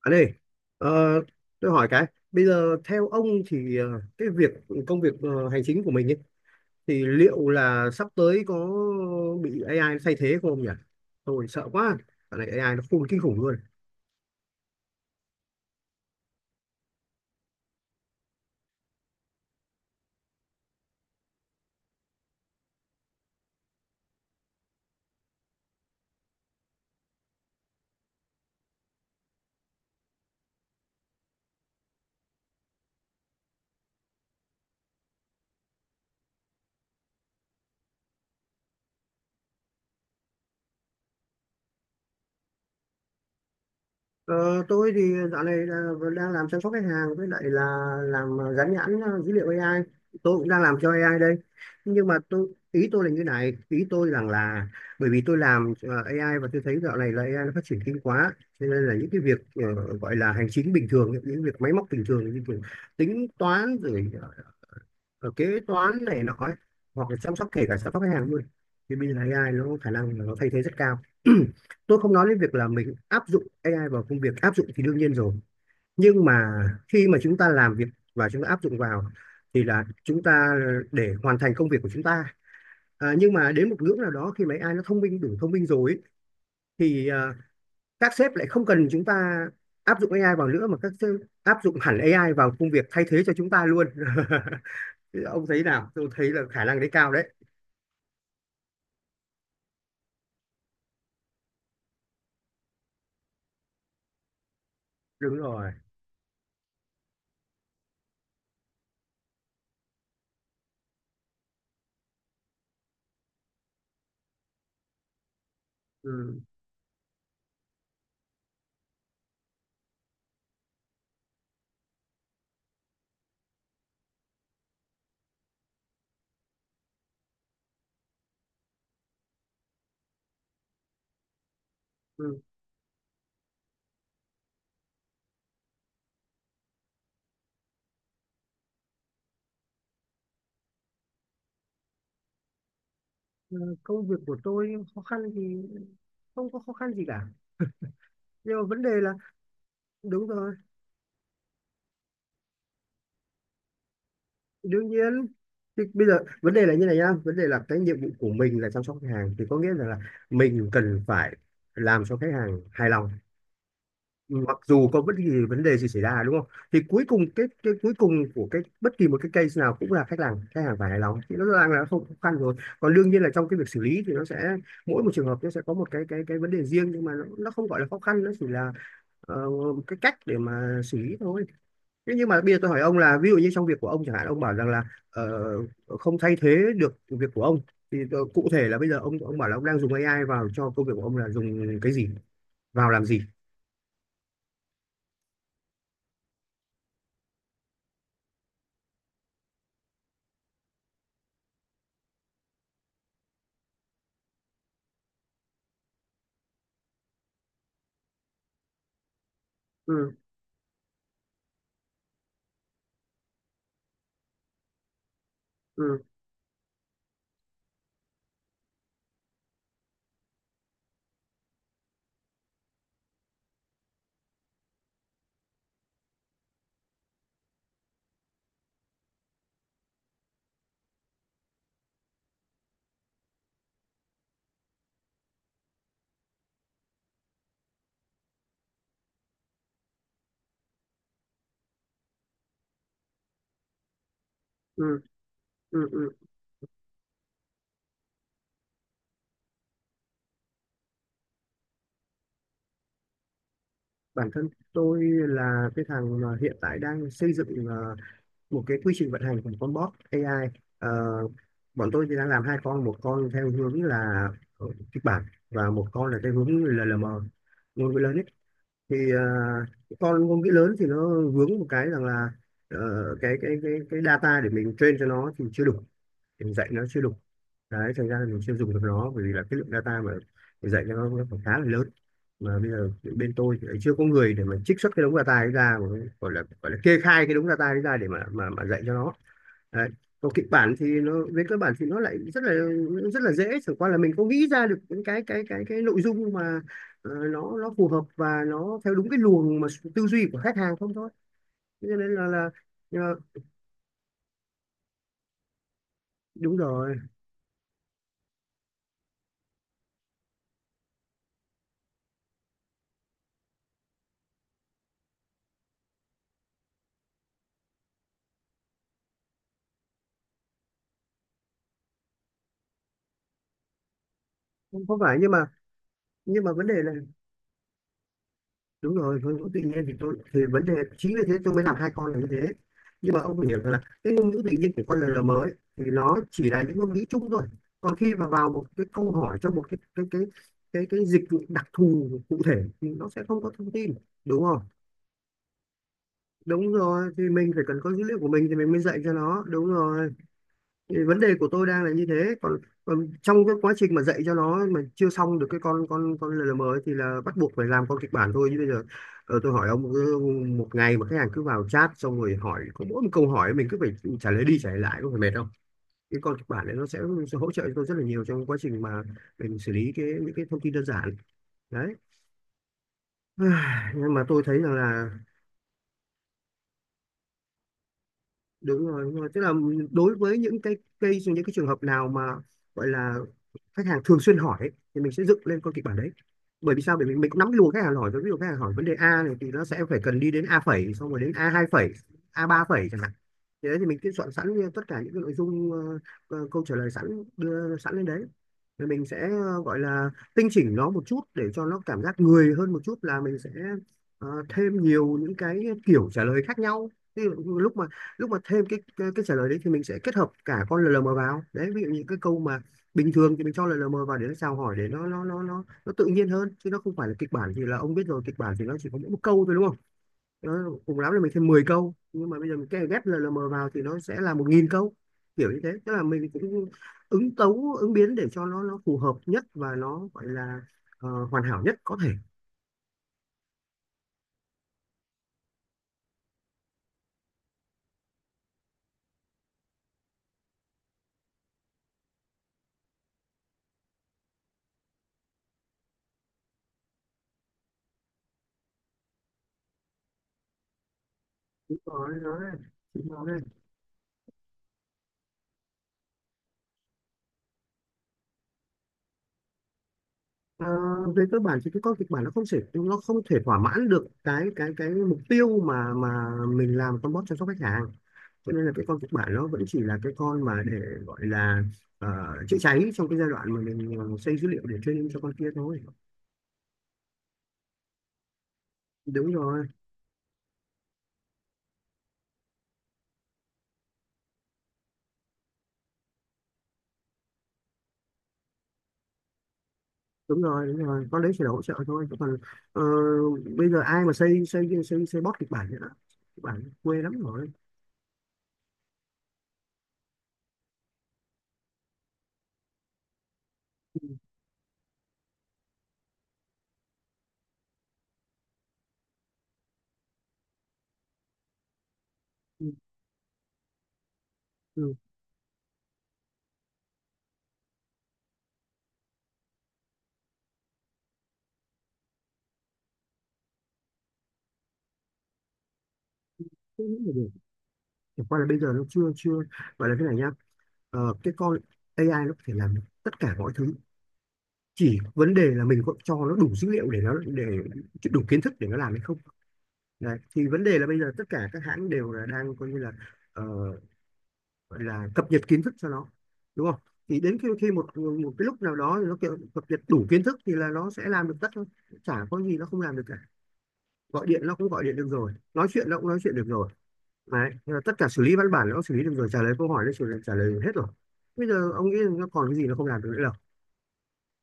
Anh ơi, ờ, tôi hỏi cái, bây giờ theo ông thì cái việc công việc hành chính của mình ấy, thì liệu là sắp tới có bị AI nó thay thế không nhỉ? Tôi sợ quá, cái này AI nó khôn kinh khủng luôn. Ờ, tôi thì dạo này là- đang làm chăm sóc khách hàng với lại là làm gắn nhãn dữ liệu AI. Tôi cũng đang làm cho AI đây. Nhưng mà tôi ý tôi là như này, ý tôi rằng là bởi vì tôi làm AI và tôi thấy dạo này là AI nó phát triển kinh quá, cho nên là những cái việc gọi là hành chính bình thường, những việc máy móc bình thường như kiểu tính toán rồi ở kế toán này nọ ấy, hoặc là chăm sóc kể cả chăm sóc khách hàng luôn thì bây giờ AI nó có khả năng là nó thay thế rất cao. Tôi không nói đến việc là mình áp dụng AI vào công việc, áp dụng thì đương nhiên rồi, nhưng mà khi mà chúng ta làm việc và chúng ta áp dụng vào thì là chúng ta để hoàn thành công việc của chúng ta. Nhưng mà đến một ngưỡng nào đó khi mà AI nó thông minh đủ thông minh rồi ấy, thì à, các sếp lại không cần chúng ta áp dụng AI vào nữa mà các sếp áp dụng hẳn AI vào công việc thay thế cho chúng ta luôn. Thì ông thấy nào, tôi thấy là khả năng đấy cao đấy. Đúng rồi. Ừ. Ừ. Ờ, công việc của tôi khó khăn thì không có khó khăn gì cả, nhưng mà vấn đề là đúng rồi, đương nhiên. Thì bây giờ vấn đề là như này nhá, vấn đề là cái nhiệm vụ của mình là chăm sóc khách hàng thì có nghĩa là, mình cần phải làm cho khách hàng hài lòng mặc dù có bất kỳ vấn đề gì xảy ra, đúng không? Thì cuối cùng cái cuối cùng của cái bất kỳ một cái case nào cũng là khách hàng phải hài lòng, thì nó đang là không khó khăn rồi. Còn đương nhiên là trong cái việc xử lý thì nó sẽ mỗi một trường hợp nó sẽ có một cái cái vấn đề riêng, nhưng mà nó không gọi là khó khăn, nó chỉ là ờ, cái cách để mà xử lý thôi. Thế nhưng mà bây giờ tôi hỏi ông là ví dụ như trong việc của ông chẳng hạn, ông bảo rằng là ờ, không thay thế được việc của ông, thì cụ thể là bây giờ ông bảo là ông đang dùng AI vào cho công việc của ông là dùng cái gì vào làm gì. Ừ. Ừ. Ừ. Ừ, ừ. Bản thân tôi là cái thằng mà hiện tại đang xây dựng một cái quy trình vận hành của con bot AI. Ờ, bọn tôi thì đang làm hai con, một con theo hướng là kịch bản, và một con là theo hướng LLM, ngôn ngữ lớn ấy. Thì ờ, cái con ngôn ngữ lớn thì nó vướng một cái rằng là ờ, cái data để mình train cho nó thì chưa đủ, mình dạy nó chưa đủ. Đấy, thành ra là mình chưa dùng được nó, bởi vì là cái lượng data mà mình dạy cho nó còn khá là lớn, mà bây giờ bên tôi thì lại chưa có người để mà trích xuất cái đống data ấy ra, mà gọi là kê khai cái đống data ấy ra để mà dạy cho nó. Đấy. Còn kịch bản thì nó về cơ bản thì nó lại rất là dễ, chẳng qua là mình có nghĩ ra được những cái nội dung mà nó phù hợp và nó theo đúng cái luồng mà tư duy của khách hàng không thôi. Thế cho nên ờ, đúng rồi. Không không phải, nhưng mà vấn đề là đúng rồi, ngôn ngữ tự nhiên thì tôi thì vấn đề chính vì thế tôi mới làm hai con là như thế. Nhưng mà ông phải hiểu rằng là cái ngôn ngữ tự nhiên của con LLM mới thì nó chỉ là những ngôn ngữ chung thôi, còn khi mà vào một cái câu hỏi trong một cái cái dịch vụ đặc thù cụ thể thì nó sẽ không có thông tin, đúng không? Đúng rồi, thì mình phải cần có dữ liệu của mình thì mình mới dạy cho nó, đúng rồi. Thì vấn đề của tôi đang là như thế. Còn trong cái quá trình mà dạy cho nó mà chưa xong được cái con LLM ấy thì là bắt buộc phải làm con kịch bản thôi như bây giờ. Ờ, tôi hỏi ông, cứ một ngày mà khách hàng cứ vào chat xong rồi hỏi có mỗi một câu hỏi mình cứ phải trả lời đi trả lời lại có phải mệt không? Cái con kịch bản đấy sẽ hỗ trợ cho tôi rất là nhiều trong quá trình mà mình xử lý những cái thông tin đơn giản đấy. Nhưng mà tôi thấy rằng là đúng rồi, đúng rồi, tức là đối với những cái cây những cái trường hợp nào mà gọi là khách hàng thường xuyên hỏi ấy, thì mình sẽ dựng lên con kịch bản đấy. Bởi vì sao? Bởi vì mình cũng nắm cái luồng khách hàng hỏi rồi, ví dụ khách hàng hỏi vấn đề A này thì nó sẽ phải cần đi đến A phẩy, xong rồi đến A hai phẩy, A ba phẩy chẳng hạn. Thì đấy, thì mình cứ soạn sẵn tất cả những cái nội dung câu trả lời sẵn, đưa sẵn lên đấy, rồi mình sẽ gọi là tinh chỉnh nó một chút để cho nó cảm giác người hơn một chút, là mình sẽ thêm nhiều những cái kiểu trả lời khác nhau. Ví dụ lúc mà Lúc mà thêm cái trả lời đấy thì mình sẽ kết hợp cả con lờ LLM vào đấy, ví dụ những cái câu mà bình thường thì mình cho lờ LLM vào để nó chào hỏi, để nó tự nhiên hơn chứ nó không phải là kịch bản. Thì là ông biết rồi, kịch bản thì nó chỉ có mỗi một câu thôi, đúng không? Cùng lắm là mình thêm 10 câu, nhưng mà bây giờ mình ghép LLM vào thì nó sẽ là 1000 câu, kiểu như thế. Tức là mình cũng ứng tấu ứng biến để cho nó phù hợp nhất và nó gọi là hoàn hảo nhất có thể. Đúng rồi nói đấy. Đúng rồi. Ờ, về cơ bản thì cái con kịch bản nó không thể thỏa mãn được cái mục tiêu mà mình làm con bot chăm sóc khách hàng, cho nên là cái con kịch bản nó vẫn chỉ là cái con mà để gọi là ờ, chữa cháy trong cái giai đoạn mà mình xây dữ liệu để training cho con kia thôi. Đúng rồi, đúng rồi, đúng rồi, con đấy chỉ là hỗ trợ thôi chứ còn ờ, bây giờ ai mà xây xây xây xây bot kịch bản nữa, kịch bản quê lắm rồi. Ừ, ừ, ừ. Không nghĩ là được. Chẳng qua là bây giờ nó chưa chưa gọi là thế này nhá. Ờ, cái con AI nó có thể làm tất cả mọi thứ, chỉ vấn đề là mình có cho nó đủ dữ liệu để nó để đủ kiến thức để nó làm hay không. Đấy. Thì vấn đề là bây giờ tất cả các hãng đều là đang coi như là ờ, gọi là cập nhật kiến thức cho nó, đúng không? Thì đến khi khi một một cái lúc nào đó thì nó kiểu cập nhật đủ kiến thức thì là nó sẽ làm được tất thôi, chả có gì nó không làm được cả. Gọi điện nó cũng gọi điện được rồi, nói chuyện nó cũng nói chuyện được rồi. Đấy. Thế là tất cả xử lý văn bản nó cũng xử lý được rồi, trả lời câu hỏi trả lời hết rồi. Bây giờ ông nghĩ là nó còn cái gì nó không làm được nữa,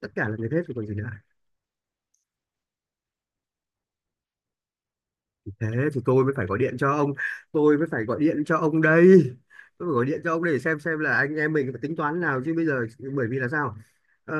tất cả là như thế thì còn gì nữa. Thế thì tôi mới phải gọi điện cho ông, tôi mới phải gọi điện cho ông đây. Tôi phải gọi điện cho ông để xem là anh em mình phải tính toán nào chứ bây giờ. Bởi vì là sao, ờ,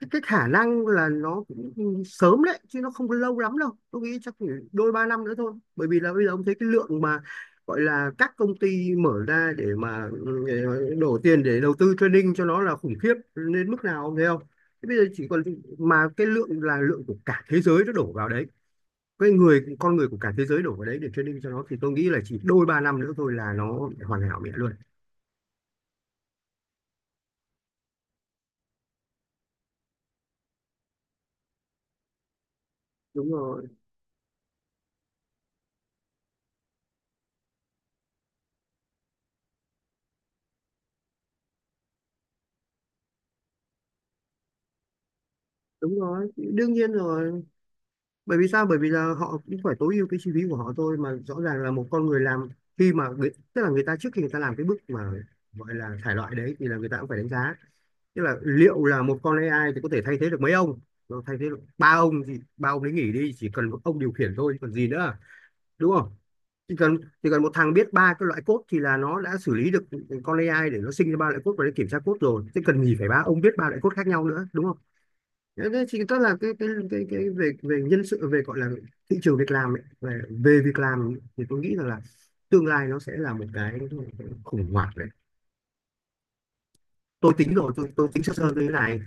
cái khả năng là nó cũng sớm đấy chứ nó không có lâu lắm đâu, tôi nghĩ chắc chỉ đôi ba năm nữa thôi. Bởi vì là bây giờ ông thấy cái lượng mà gọi là các công ty mở ra để mà đổ tiền để đầu tư training cho nó là khủng khiếp đến mức nào, ông thấy không? Thế bây giờ chỉ còn, mà cái lượng là lượng của cả thế giới nó đổ vào đấy, cái người con người của cả thế giới đổ vào đấy để training cho nó, thì tôi nghĩ là chỉ đôi ba năm nữa thôi là nó hoàn hảo mẹ luôn. Đúng rồi, đúng rồi, đương nhiên rồi. Bởi vì sao? Bởi vì là họ cũng phải tối ưu cái chi phí của họ thôi mà, rõ ràng là một con người làm, tức là người ta trước khi người ta làm cái bước mà gọi là thải loại đấy, thì là người ta cũng phải đánh giá, tức là liệu là một con AI thì có thể thay thế được mấy ông. Nó thay thế được ba ông thì ba ông đấy nghỉ đi, chỉ cần một ông điều khiển thôi còn gì nữa, đúng không? chỉ cần chỉ cần một thằng biết ba cái loại code thì là nó đã xử lý được con AI để nó sinh ra ba loại code và nó kiểm tra code rồi, thế cần gì phải ba ông biết ba loại code khác nhau nữa, đúng không? Thế thế thì tức là cái về về nhân sự, về gọi là thị trường việc làm ấy, về về việc làm thì tôi nghĩ rằng là tương lai nó sẽ là một cái khủng hoảng đấy. Tôi tính sơ sơ như thế này,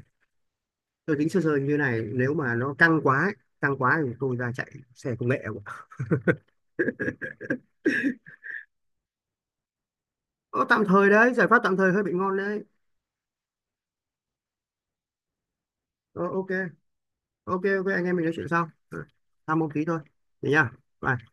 tôi tính sơ sơ như thế này nếu mà nó căng quá thì tôi ra chạy xe công nghệ. Ờ, tạm thời đấy, giải pháp tạm thời hơi bị ngon đấy. Ờ, ok. Ok, ok, anh em mình nói chuyện sau. Ừ, tham môn tí thôi, thế nhá. Bye.